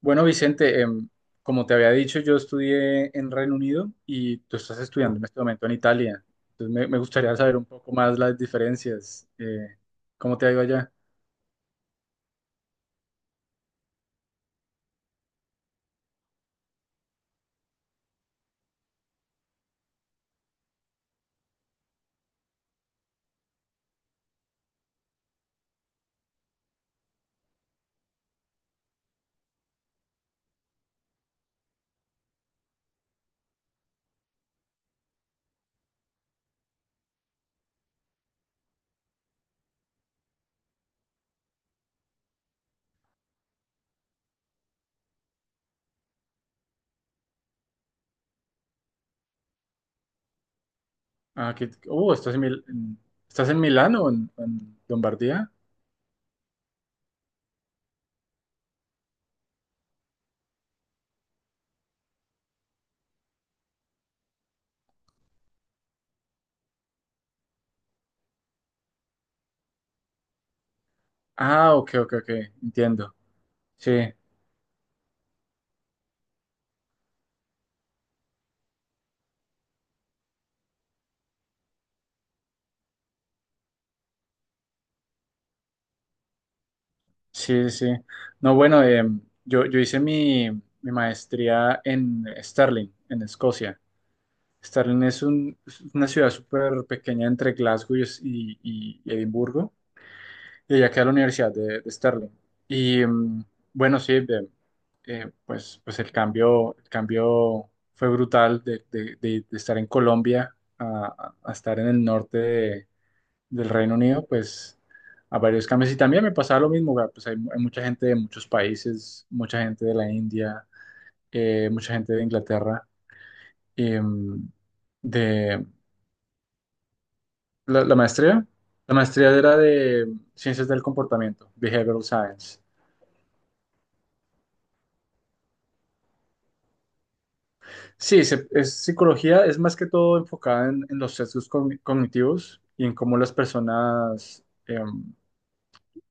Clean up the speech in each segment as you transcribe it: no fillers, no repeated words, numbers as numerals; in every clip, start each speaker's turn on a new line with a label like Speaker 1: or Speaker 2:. Speaker 1: Bueno, Vicente, como te había dicho, yo estudié en Reino Unido y tú estás estudiando en este momento en Italia. Entonces me gustaría saber un poco más las diferencias. ¿Cómo te ha ido allá? Ah, que, oh, ¿estás en Milán o en Lombardía? Ah, ok, ok, ok, entiendo. Sí, sí, sí. No, bueno, yo hice mi maestría en Stirling, en Escocia. Es una ciudad súper pequeña entre Glasgow y Edimburgo, y allá queda la Universidad de Stirling. Y bueno, pues el cambio fue brutal de estar en Colombia a estar en el del Reino Unido, pues a varios cambios. Y también me pasaba lo mismo, güey, pues hay mucha gente de muchos países, mucha gente de la India, mucha gente de Inglaterra. em, de, La, la maestría, la maestría era de Ciencias del Comportamiento, Behavioral Science. Sí, es psicología, es más que todo enfocada en los sesgos cognitivos y en cómo las personas,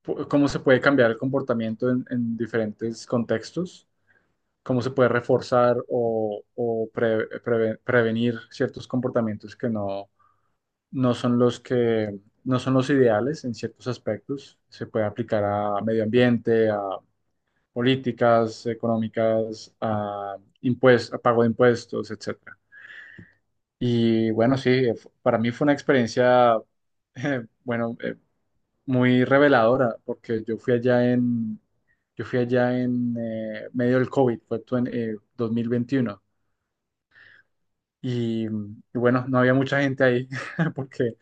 Speaker 1: cómo se puede cambiar el comportamiento en diferentes contextos, cómo se puede reforzar o prevenir ciertos comportamientos que no, no son los que no son los ideales en ciertos aspectos. Se puede aplicar a medio ambiente, políticas económicas, a a pago de impuestos, etcétera. Y bueno, sí, para mí fue una experiencia, eh, bueno, eh, muy reveladora, porque yo fui allá en medio del COVID, fue tu- en 2021, y, y bueno, no había mucha gente ahí, porque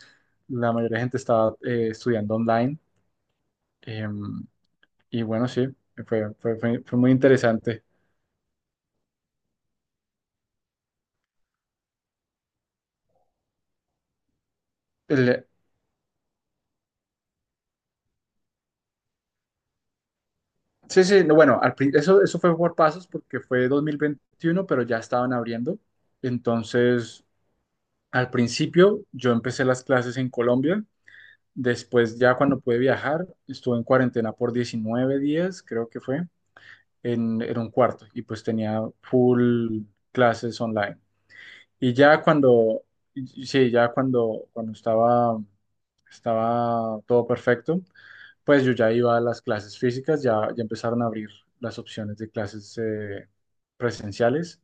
Speaker 1: la mayoría de gente estaba estudiando online, em, y bueno, sí, fue muy interesante. El- Sí, sí, no, bueno, eso, eso fue por pasos porque fue 2021, pero ya estaban abriendo. Entonces, al principio yo empecé las clases en Colombia, después ya cuando pude viajar, estuve en cuarentena por 19 días, creo que fue, en un cuarto y pues tenía full clases online. Y ya sí, ya cuando estaba todo perfecto, pues yo ya iba a las clases físicas, ya empezaron a abrir las opciones de clases presenciales,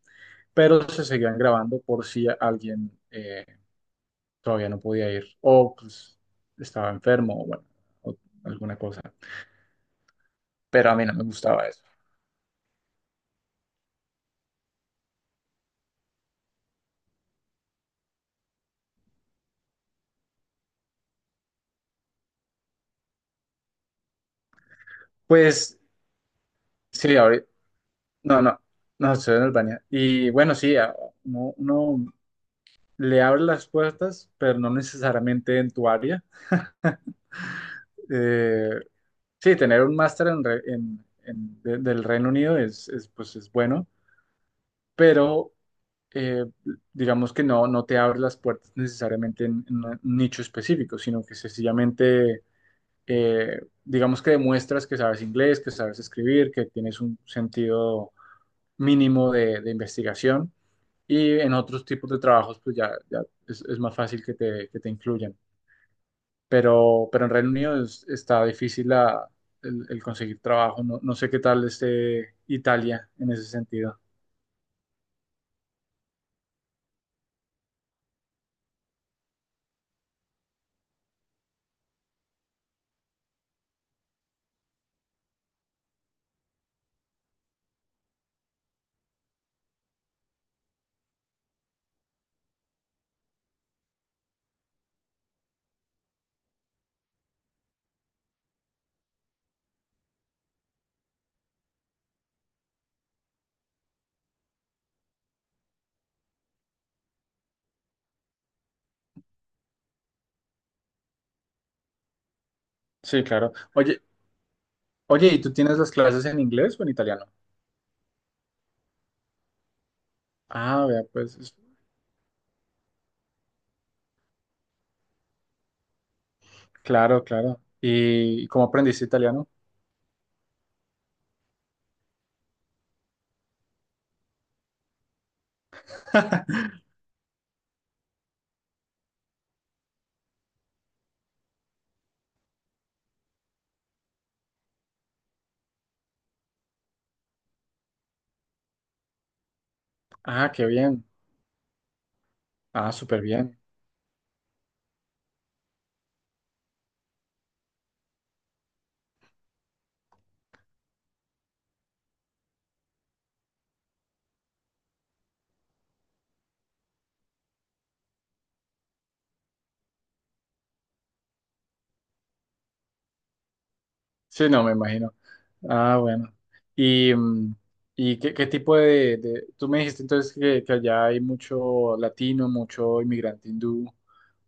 Speaker 1: pero se seguían grabando por si alguien todavía no podía ir o pues, estaba enfermo o bueno, o alguna cosa. Pero a mí no me gustaba eso. Pues sí, ahorita, no, no, no, estoy en Albania. Y bueno, sí, uno, uno le abre las puertas, pero no necesariamente en tu área. Eh, Sí, tener un máster en re- en- de- del Reino Unido es, pues, es bueno, pero eh, digamos que no, no te abre las puertas necesariamente en un nicho específico, sino que sencillamente, digamos que demuestras que sabes inglés, que sabes escribir, que tienes un sentido mínimo de investigación y en otros tipos de trabajos pues ya, ya es más fácil que que te incluyan pero en Reino Unido está difícil el conseguir trabajo. No, no sé qué tal esté Italia en ese sentido. Sí, claro. Oye, oye, ¿y tú tienes las clases en inglés o en italiano? Ah, vea, pues, claro, claro. ¿Y cómo aprendiste italiano? Ah, qué bien. Ah, súper bien. Sí, no, me imagino. Ah, bueno. ¿Y, y qué, qué tipo Tú me dijiste entonces que allá hay mucho latino, mucho inmigrante hindú.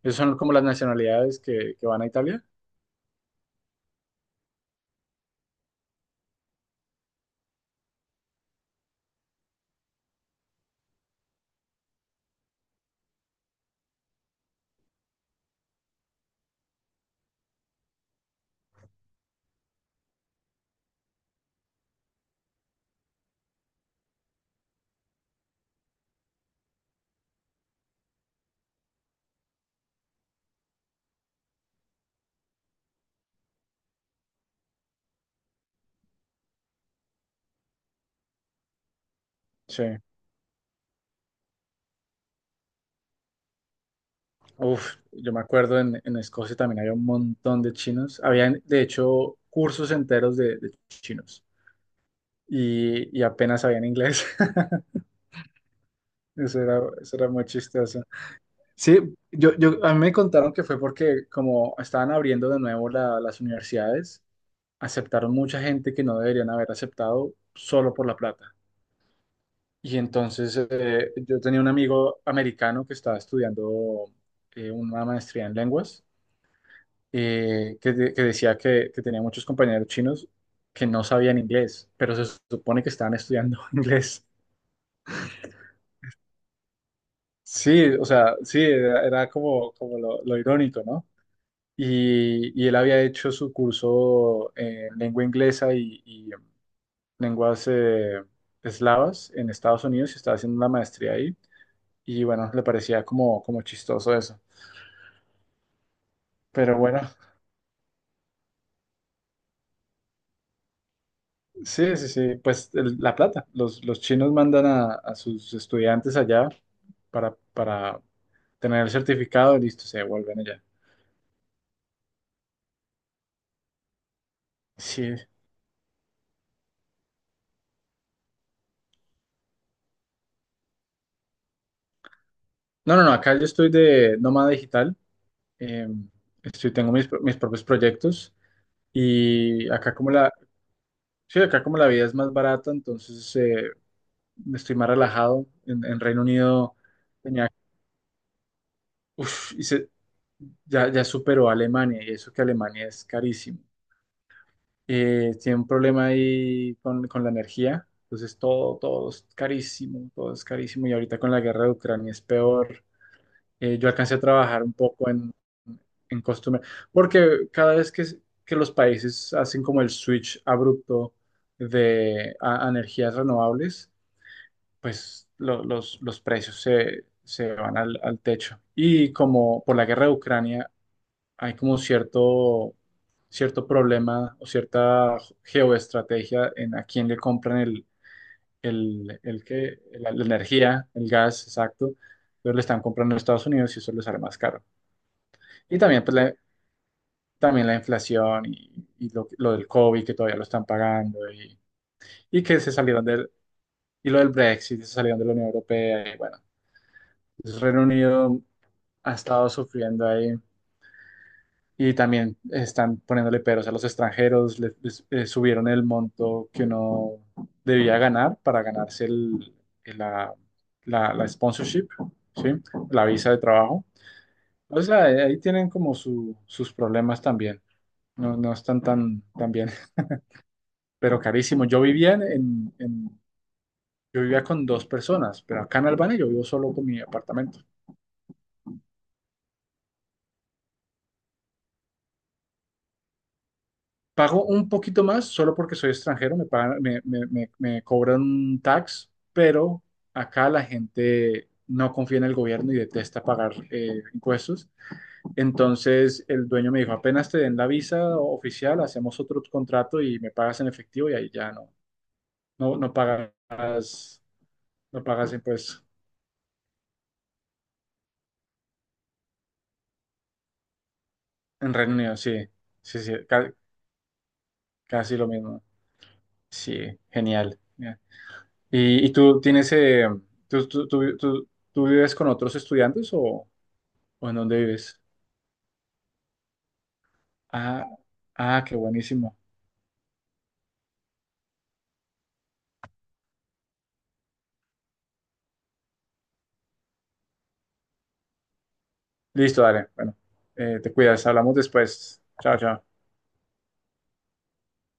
Speaker 1: ¿Esas son como las nacionalidades que van a Italia? Sí. Uf, yo me acuerdo en Escocia también había un montón de chinos. Habían, de hecho, cursos enteros de chinos y apenas sabían inglés. Eso era muy chistoso. Sí, a mí me contaron que fue porque como estaban abriendo de nuevo las universidades, aceptaron mucha gente que no deberían haber aceptado solo por la plata. Y entonces yo tenía un amigo americano que estaba estudiando una maestría en lenguas, que decía que tenía muchos compañeros chinos que no sabían inglés, pero se supone que estaban estudiando inglés. Sí, o sea, sí, era, era como, como lo irónico, ¿no? Y él había hecho su curso en lengua inglesa y lenguas eslavas en Estados Unidos y estaba haciendo una maestría ahí. Y bueno, le parecía como, como chistoso eso. Pero bueno, sí, sí, sí, pues la plata. Los chinos mandan a sus estudiantes allá para tener el certificado y listo, se devuelven allá. Sí. No, no, no, acá yo estoy de nómada digital. eh, estoy, tengo mis propios proyectos y acá como sí, acá como la vida es más barata, entonces estoy más relajado. En Reino Unido tenía, uf, ya, ya superó a Alemania, y eso que Alemania es carísimo. Tiene un problema ahí con la energía, entonces todo, todo es carísimo, y ahorita con la guerra de Ucrania es peor. Yo alcancé a trabajar un poco en costumbre, porque cada vez que los países hacen como el switch abrupto a energías renovables, pues los precios se van al techo. Y como por la guerra de Ucrania hay como cierto, cierto problema o cierta geoestrategia en a quién le compran la energía, el gas, exacto. Entonces le están comprando a Estados Unidos y eso les sale más caro. Y también, pues, también la inflación y lo del COVID que todavía lo están pagando y que se salieron del... Y lo del Brexit, se salieron de la Unión Europea, y bueno, entonces, Reino Unido ha estado sufriendo ahí y también están poniéndole peros a los extranjeros, subieron el monto que uno debía ganar para ganarse el- la, la sponsorship, ¿sí? La visa de trabajo. O sea, ahí tienen como sus problemas también. No, no están tan, tan bien, pero carísimo. Yo vivía en- yo vivía con dos personas, pero acá en Albania yo vivo solo con mi apartamento. Pago un poquito más solo porque soy extranjero, me pagan- me- me- me cobran un tax, pero acá la gente no confía en el gobierno y detesta pagar impuestos. Entonces el dueño me dijo, apenas te den la visa oficial, hacemos otro contrato y me pagas en efectivo y ahí ya no pagas, no pagas impuestos. En Reino Unido, sí, sí, sí, casi lo mismo. Sí, genial. Y tú tienes, tú vives con otros estudiantes o en dónde vives? Ah, ah, qué buenísimo. Listo, dale. Bueno, te cuidas, hablamos después. Chao, chao.